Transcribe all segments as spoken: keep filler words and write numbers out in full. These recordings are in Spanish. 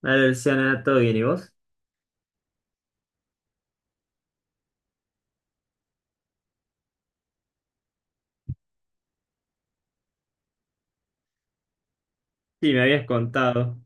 Vale, Luciana, ¿todo bien? ¿Y vos? Sí, me habías contado.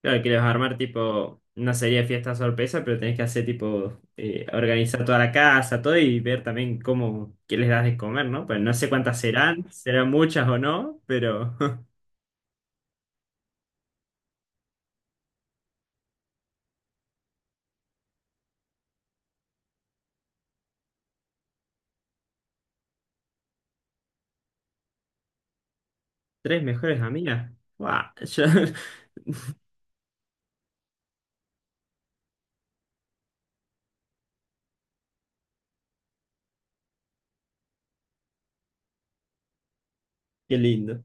Claro, que les vas a armar tipo una serie de fiestas sorpresa, pero tenés que hacer tipo eh, organizar toda la casa, todo y ver también cómo, qué les das de comer, ¿no? Pues no sé cuántas serán, serán muchas o no, pero tres mejores amigas. ¡Wow! Qué lindo.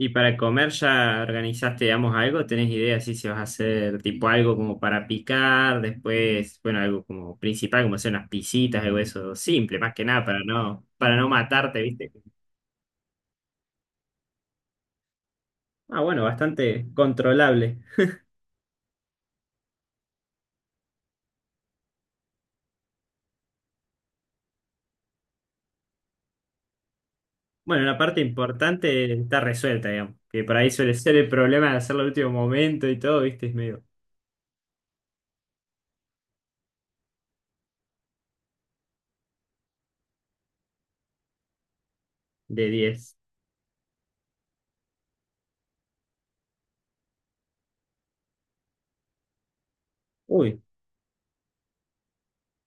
Y para comer, ¿ya organizaste, digamos, algo? ¿Tenés idea si se vas a hacer tipo algo como para picar? Después, bueno, algo como principal, como hacer unas pisitas, algo de eso simple, más que nada, para no, para no matarte, ¿viste? Ah, bueno, bastante controlable. Bueno, la parte importante está resuelta, digamos, que por ahí suele ser el problema de hacerlo al último momento y todo, ¿viste? Es medio de diez. Uy,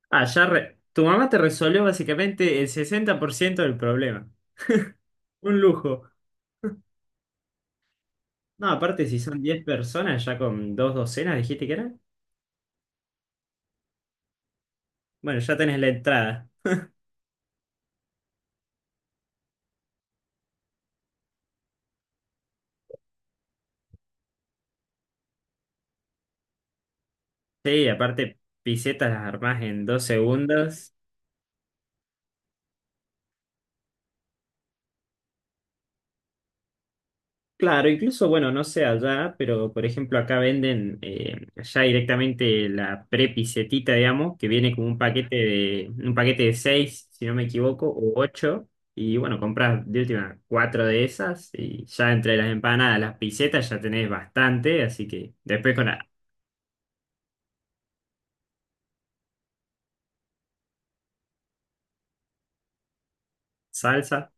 ah, ya re- tu mamá te resolvió básicamente el sesenta por ciento del problema. Un lujo. No, aparte, si son diez personas, ya con dos docenas, dijiste que eran. Bueno, ya tenés la entrada. Sí, aparte, pisetas las armás en dos segundos. Claro, incluso, bueno, no sé allá, pero por ejemplo, acá venden eh, ya directamente la prepisetita, digamos, que viene con un paquete de, un paquete de seis, si no me equivoco, o ocho. Y bueno, compras de última cuatro de esas y ya entre las empanadas, las pisetas ya tenés bastante, así que después con la salsa,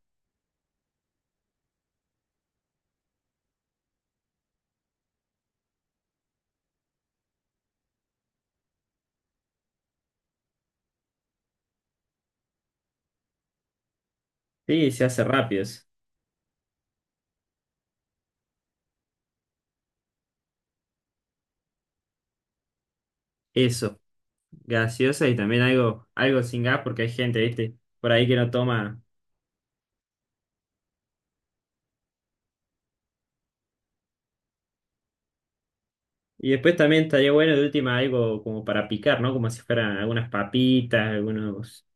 sí, se hace rápido. Eso, gaseosa y también algo, algo sin gas porque hay gente, ¿viste? Por ahí que no toma. Y después también estaría bueno de última algo como para picar, ¿no? Como si fueran algunas papitas, algunos...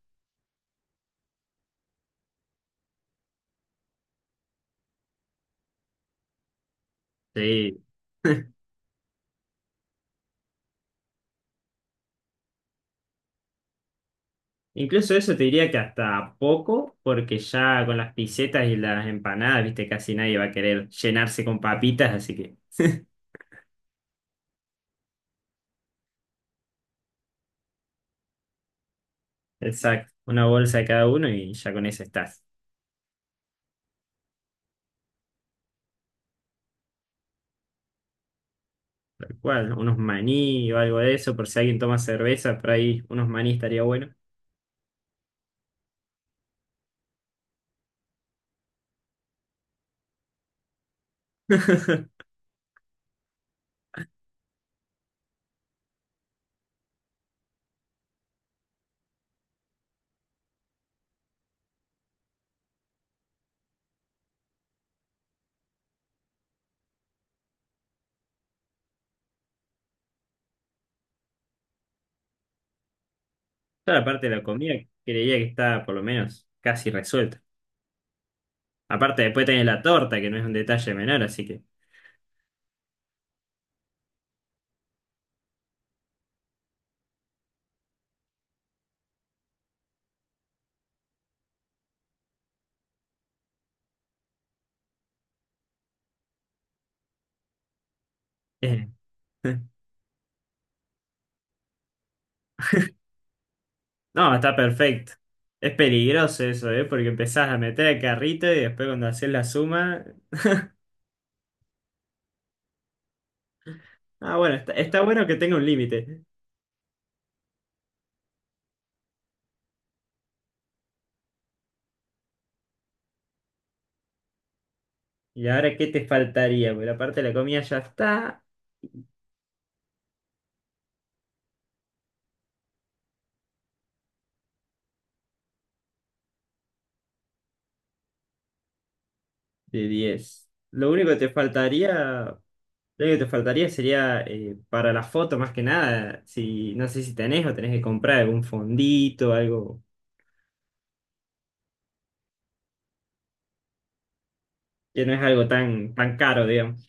Sí. Incluso eso te diría que hasta poco, porque ya con las pisetas y las empanadas, ¿viste? Casi nadie va a querer llenarse con papitas, así que... Exacto, una bolsa de cada uno y ya con eso estás. Tal cual, ¿no? Unos maní o algo de eso, por si alguien toma cerveza, por ahí unos maní estaría bueno. Claro, aparte de la comida, creía que está por lo menos casi resuelta. Aparte, después tenés la torta, que no es un detalle menor, así que. Eh, no, está perfecto. Es peligroso eso, ¿eh? Porque empezás a meter el carrito y después cuando haces la suma. Ah, bueno, está, está bueno que tenga un límite. ¿Y ahora qué te faltaría? Porque la parte de la comida ya está de diez. Lo único que te faltaría, lo único que te faltaría sería eh, para la foto más que nada, si no sé si tenés o tenés que comprar algún fondito, algo que no es algo tan, tan caro, digamos.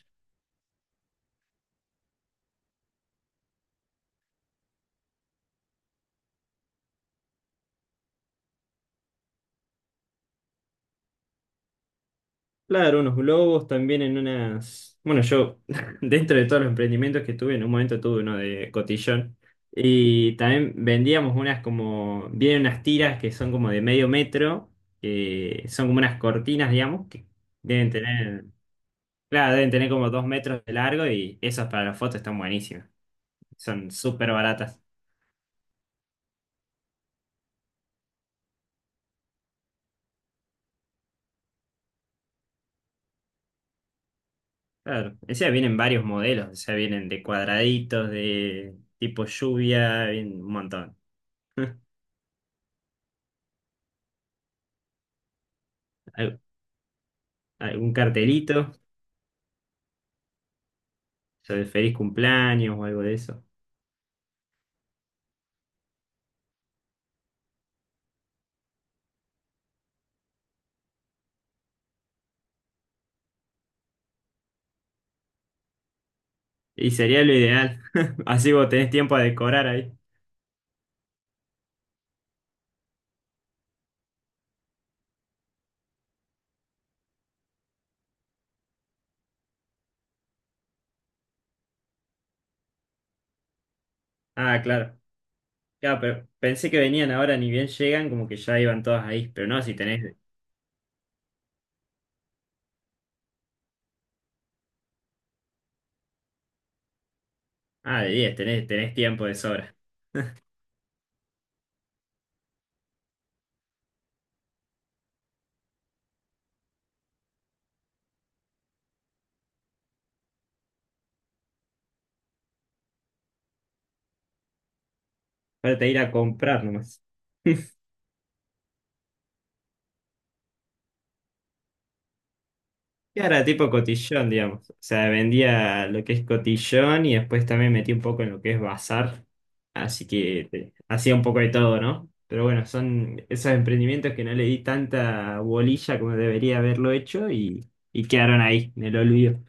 Claro, unos globos también en unas. Bueno, yo, dentro de todos los emprendimientos que tuve, en un momento tuve uno de cotillón. Y también vendíamos unas como. Vienen unas tiras que son como de medio metro, que son como unas cortinas, digamos, que deben tener. Claro, deben tener como dos metros de largo y esas para las fotos están buenísimas. Son súper baratas. Claro, o sea, vienen varios modelos, o sea, vienen de cuadraditos, de tipo lluvia, vienen un montón. al- algún cartelito, sobre feliz cumpleaños o algo de eso. Y sería lo ideal. Así vos tenés tiempo a decorar ahí. Ah, claro. Claro, pero pensé que venían ahora, ni bien llegan, como que ya iban todas ahí. Pero no, si tenés. Ah, de diez, tenés, tenés tiempo de sobra. Falta ir a comprar nomás. Y era tipo cotillón, digamos. O sea, vendía lo que es cotillón y después también metí un poco en lo que es bazar. Así que eh, hacía un poco de todo, ¿no? Pero bueno, son esos emprendimientos que no le di tanta bolilla como debería haberlo hecho y, y quedaron ahí, en el olvido.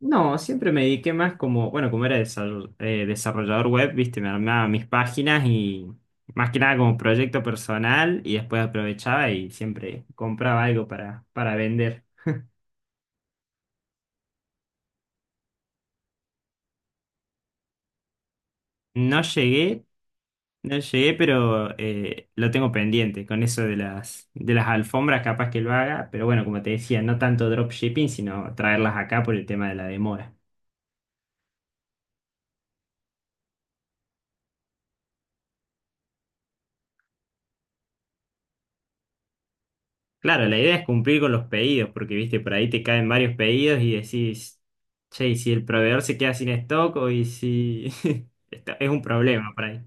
No, siempre me dediqué más como, bueno, como era desarroll- eh, desarrollador web, viste, me armaba mis páginas y más que nada como proyecto personal y después aprovechaba y siempre compraba algo para, para vender. No llegué No llegué, pero eh, lo tengo pendiente con eso de las, de las alfombras, capaz que lo haga, pero bueno, como te decía, no tanto dropshipping, sino traerlas acá por el tema de la demora. Claro, la idea es cumplir con los pedidos, porque viste, por ahí te caen varios pedidos y decís, che, y si el proveedor se queda sin stock o y si Está- es un problema por ahí.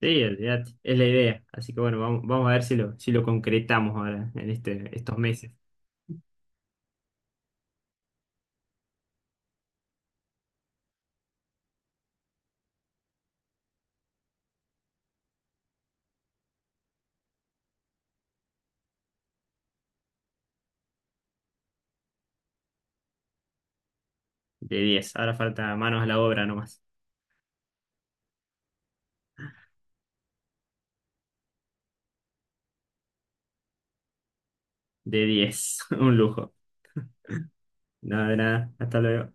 Sí, olvídate, es la idea. Así que bueno, vamos, vamos a ver si lo, si lo concretamos ahora en este, estos meses. De diez, ahora falta manos a la obra nomás. De diez. Un lujo. Nada de nada. Hasta luego.